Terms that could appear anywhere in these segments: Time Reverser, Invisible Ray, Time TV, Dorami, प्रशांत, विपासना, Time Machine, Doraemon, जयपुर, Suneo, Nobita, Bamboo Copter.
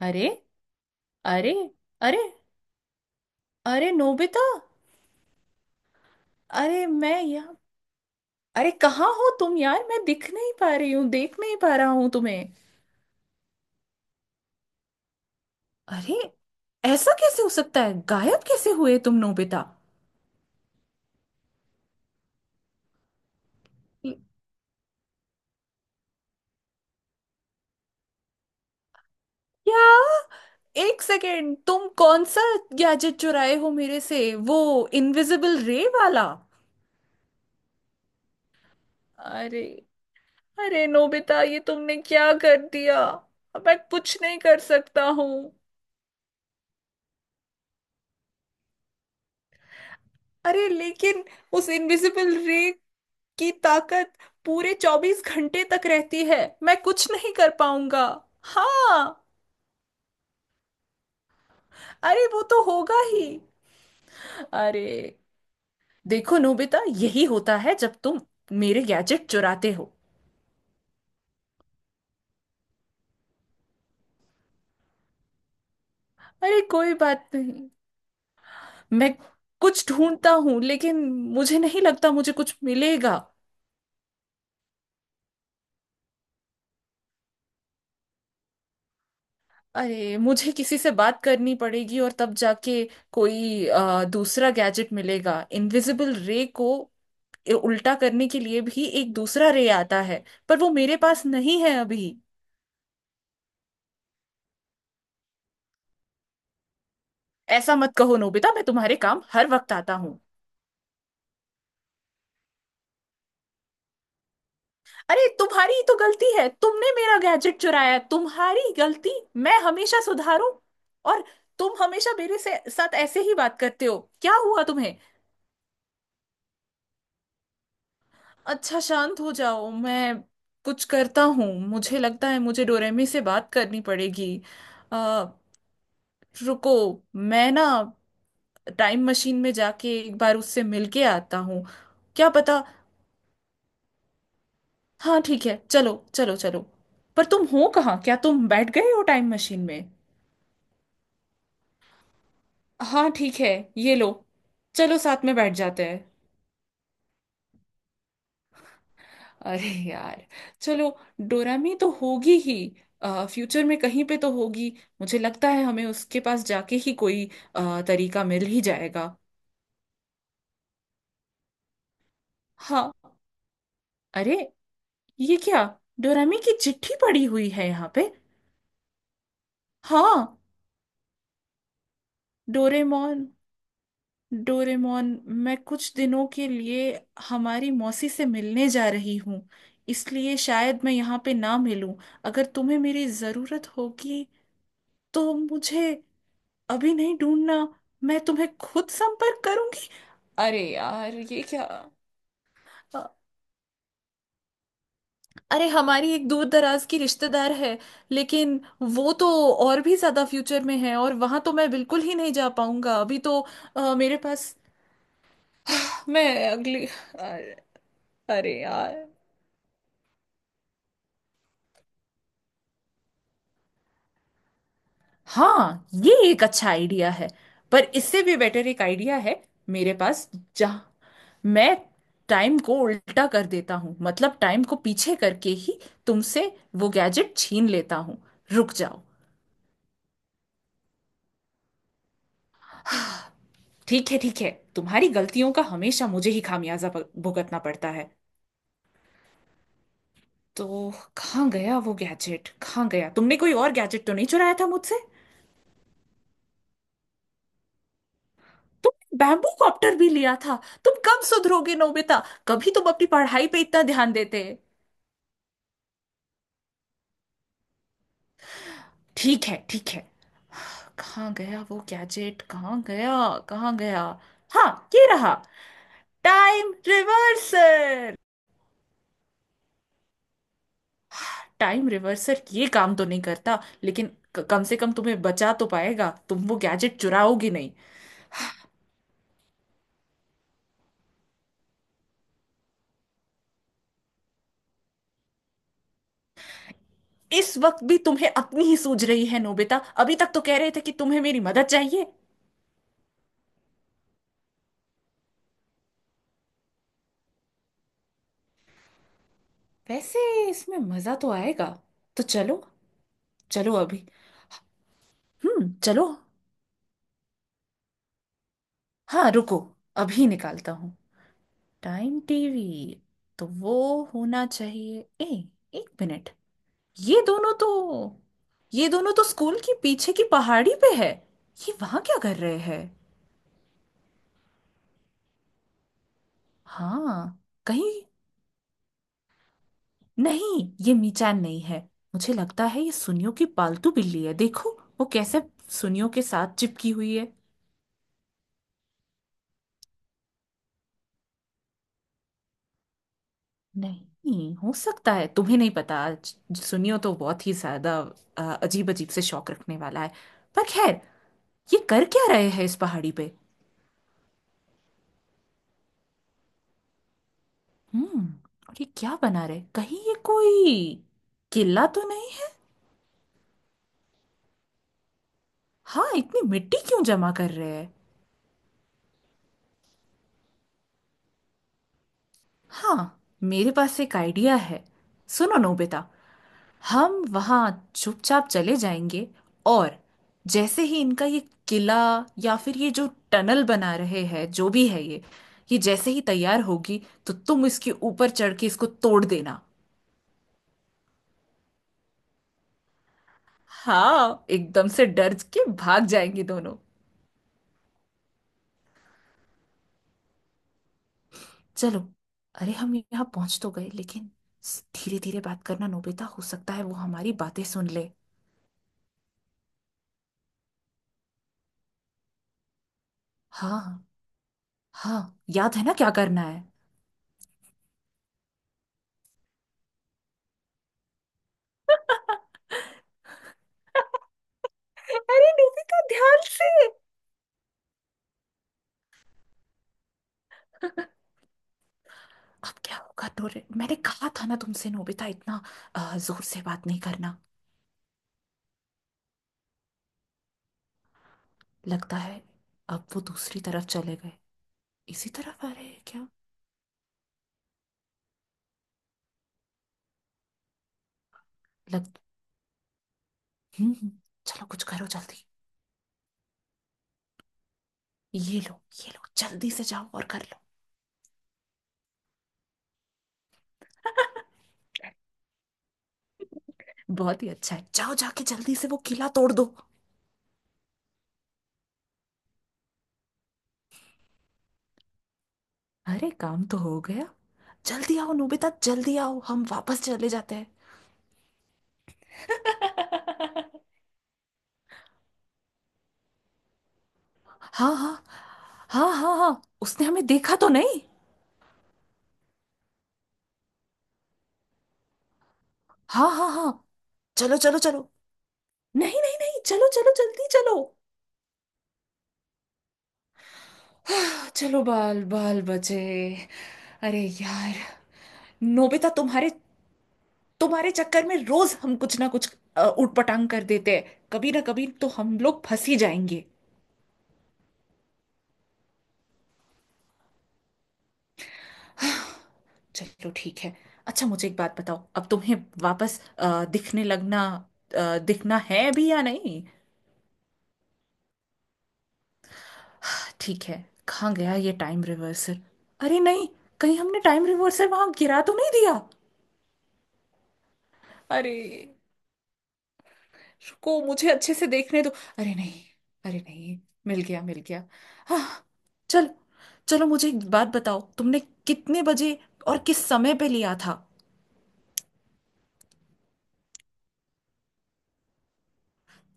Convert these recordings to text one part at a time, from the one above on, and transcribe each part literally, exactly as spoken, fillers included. अरे! अरे! अरे! अरे नोबिता! अरे, मैं यहाँ। अरे, कहाँ हो तुम यार? मैं दिख नहीं पा रही हूँ, देख नहीं पा रहा हूँ तुम्हें। अरे, ऐसा कैसे हो सकता है? गायब कैसे हुए तुम नोबिता? क्या? एक सेकेंड, तुम कौन सा गैजेट चुराए हो मेरे से? वो इनविजिबल रे वाला? अरे! अरे नोबिता, ये तुमने क्या कर दिया? अब मैं कुछ नहीं कर सकता हूँ। अरे, लेकिन उस इनविजिबल रे की ताकत पूरे चौबीस घंटे तक रहती है। मैं कुछ नहीं कर पाऊंगा। हाँ। अरे, वो तो होगा ही। अरे, देखो नोबिता, यही होता है जब तुम मेरे गैजेट चुराते हो। अरे, कोई बात नहीं। मैं कुछ ढूंढता हूँ, लेकिन मुझे नहीं लगता मुझे कुछ मिलेगा। अरे, मुझे किसी से बात करनी पड़ेगी और तब जाके कोई अ, दूसरा गैजेट मिलेगा। इनविजिबल रे को ए- उल्टा करने के लिए भी एक दूसरा रे आता है, पर वो मेरे पास नहीं है अभी। ऐसा मत कहो नोबिता, मैं तुम्हारे काम हर वक्त आता हूँ। अरे, तुम्हारी ही तो गलती है। तुमने मेरा गैजेट चुराया, तुम्हारी गलती मैं हमेशा सुधारू। और तुम हमेशा मेरे से साथ ऐसे ही बात करते हो? क्या हुआ तुम्हें? अच्छा, शांत हो जाओ। मैं कुछ करता हूँ। मुझे लगता है मुझे डोरेमी से बात करनी पड़ेगी। आ, रुको। मैं ना टाइम मशीन में जाके एक बार उससे मिल के आता हूँ। क्या पता। हाँ, ठीक है, चलो चलो चलो। पर तुम हो कहाँ? क्या तुम बैठ गए हो टाइम मशीन में? हाँ, ठीक है। ये लो, चलो साथ में बैठ जाते हैं। अरे यार, चलो। डोरामी तो होगी ही, फ्यूचर में कहीं पे तो होगी। मुझे लगता है हमें उसके पास जाके ही कोई अ, तरीका मिल ही जाएगा। हाँ। अरे, ये क्या? डोरेमी की चिट्ठी पड़ी हुई है यहाँ पे। हाँ। डोरेमोन, डोरेमोन, मैं कुछ दिनों के लिए हमारी मौसी से मिलने जा रही हूँ। इसलिए शायद मैं यहाँ पे ना मिलूं। अगर तुम्हें मेरी ज़रूरत होगी तो मुझे अभी नहीं ढूंढना। मैं तुम्हें खुद संपर्क करूंगी। अरे यार, ये क्या? अ- अरे, हमारी एक दूर दराज की रिश्तेदार है, लेकिन वो तो और भी ज्यादा फ्यूचर में है और वहां तो मैं बिल्कुल ही नहीं जा पाऊंगा अभी तो। अ, मेरे पास मैं अगली अरे अरे यार, हाँ, ये एक अच्छा आइडिया है। पर इससे भी बेटर एक आइडिया है मेरे पास। जहाँ मैं टाइम को उल्टा कर देता हूँ, मतलब टाइम को पीछे करके ही तुमसे वो गैजेट छीन लेता हूँ। रुक जाओ। ठीक है ठीक है, तुम्हारी गलतियों का हमेशा मुझे ही खामियाजा भ- भुगतना पड़ता है। तो कहाँ गया वो गैजेट? कहाँ गया? तुमने कोई और गैजेट तो नहीं चुराया था मुझसे? तुमने बैम्बू कॉप्टर भी लिया था? तुम कब सुधरोगे नोबिता? कभी तुम अपनी पढ़ाई पे इतना ध्यान देते। ठीक है ठीक है। कहाँ गया वो गैजेट? कहाँ गया? कहाँ गया? हाँ, ये रहा टाइम रिवर्सर। टाइम रिवर्सर ये काम तो नहीं करता, लेकिन क- कम से कम तुम्हें बचा तो पाएगा। तुम वो गैजेट चुराओगी नहीं। इस वक्त भी तुम्हें अपनी ही सूझ रही है नोबिता? अभी तक तो कह रहे थे कि तुम्हें मेरी मदद चाहिए। वैसे, इसमें मजा तो आएगा। तो चलो। चलो अभी। हम्म, चलो। हाँ, रुको, अभी निकालता हूँ टाइम टीवी। तो वो होना चाहिए। ए एक मिनट। ये दोनों तो ये दोनों तो स्कूल के पीछे की पहाड़ी पे है। ये वहां क्या कर रहे हैं? हाँ। कहीं नहीं, ये मीचान नहीं है। मुझे लगता है ये सुनियो की पालतू बिल्ली है। देखो, वो कैसे सुनियो के साथ चिपकी हुई है। नहीं, हो सकता है तुम्हें नहीं पता। आज सुनियो तो बहुत ही ज्यादा अजीब अजीब से शौक रखने वाला है। पर खैर, ये कर क्या रहे हैं इस पहाड़ी पे? हम्म। और ये क्या बना रहे? कहीं ये कोई किला तो नहीं? हाँ, इतनी मिट्टी क्यों जमा कर रहे हैं? हाँ, मेरे पास एक आइडिया है। सुनो नोबिता, हम वहाँ चुपचाप चले जाएंगे, और जैसे ही इनका ये किला, या फिर ये जो टनल बना रहे हैं, जो भी है ये ये जैसे ही तैयार होगी, तो तुम इसके ऊपर चढ़ के इसको तोड़ देना। हाँ, एकदम से डर के भाग जाएंगे दोनों। चलो। अरे हम यहाँ पहुंच तो गए, लेकिन धीरे धीरे बात करना नोबिता। हो सकता है वो हमारी बातें सुन ले। हाँ हाँ, याद है ना क्या करना है? अरे नोबिता, ध्यान से! अब क्या होगा डोरे? मैंने कहा था ना तुमसे नोबिता, इतना अ, जोर से बात नहीं करना। लगता है अब वो दूसरी तरफ चले गए। इसी तरफ आ रहे हैं क्या? लग हम्म। हम्म, चलो कुछ करो जल्दी। ये लो। ये लो, जल्दी से जाओ और कर लो। बहुत ही अच्छा है। जाओ, जाके जल्दी से वो किला तोड़ दो। अरे, काम तो हो गया। जल्दी आओ नोबिता, जल्दी आओ। हम वापस चले जाते हैं। हाँ हाँ हाँ, हाँ हाँ, उसने हमें देखा तो नहीं? हाँ हाँ हाँ। चलो चलो चलो। नहीं नहीं नहीं, चलो चलो, जल्दी चलो। आह, चलो, बाल बाल बचे। अरे यार नोबिता, तुम्हारे तुम्हारे चक्कर में रोज हम कुछ ना कुछ अ, ऊटपटांग कर देते हैं। कभी ना कभी तो हम लोग फंस ही जाएंगे। चलो ठीक है। अच्छा, मुझे एक बात बताओ, अब तुम्हें वापस अ, दिखने लगना, अ, दिखना है अभी या नहीं? हाँ, ठीक है। कहाँ गया ये टाइम रिवर्सर? अरे नहीं, कहीं हमने टाइम रिवर्सर वहां गिरा तो नहीं दिया? अरे, रुको, मुझे अच्छे से देखने दो। अरे नहीं! अरे नहीं! मिल गया, मिल गया। हाँ। चल, चलो, मुझे एक बात बताओ, तुमने कितने बजे और किस समय पे लिया था?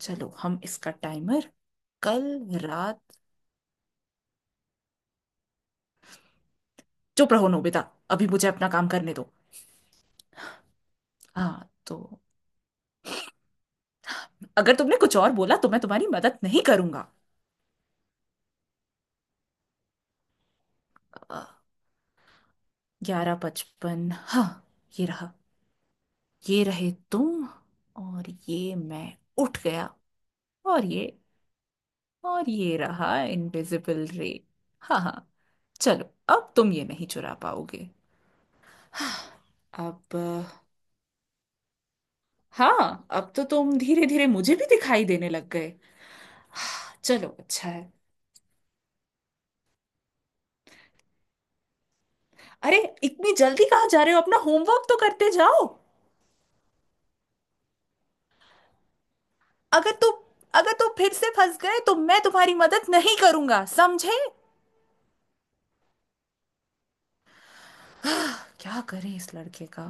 चलो, हम इसका टाइमर। कल रात। चुप रहो नोबिता, अभी मुझे अपना काम करने दो। हाँ तो, अगर तुमने कुछ और बोला तो मैं तुम्हारी मदद नहीं करूंगा। ग्यारह पचपन, हाँ। ये रहा। ये रहे तुम। और ये मैं, उठ गया। और ये, और ये रहा इनविजिबल रे। हाँ हाँ, चलो, अब तुम ये नहीं चुरा पाओगे। अब अ, हाँ, अब तो तुम धीरे धीरे मुझे भी दिखाई देने लग गए। हाँ, चलो अच्छा है। अरे, इतनी जल्दी कहाँ जा रहे हो? अपना होमवर्क तो करते जाओ। अगर तू अगर तू फिर से फंस गए तो मैं तुम्हारी मदद नहीं करूंगा समझे। क्या करे इस लड़के का।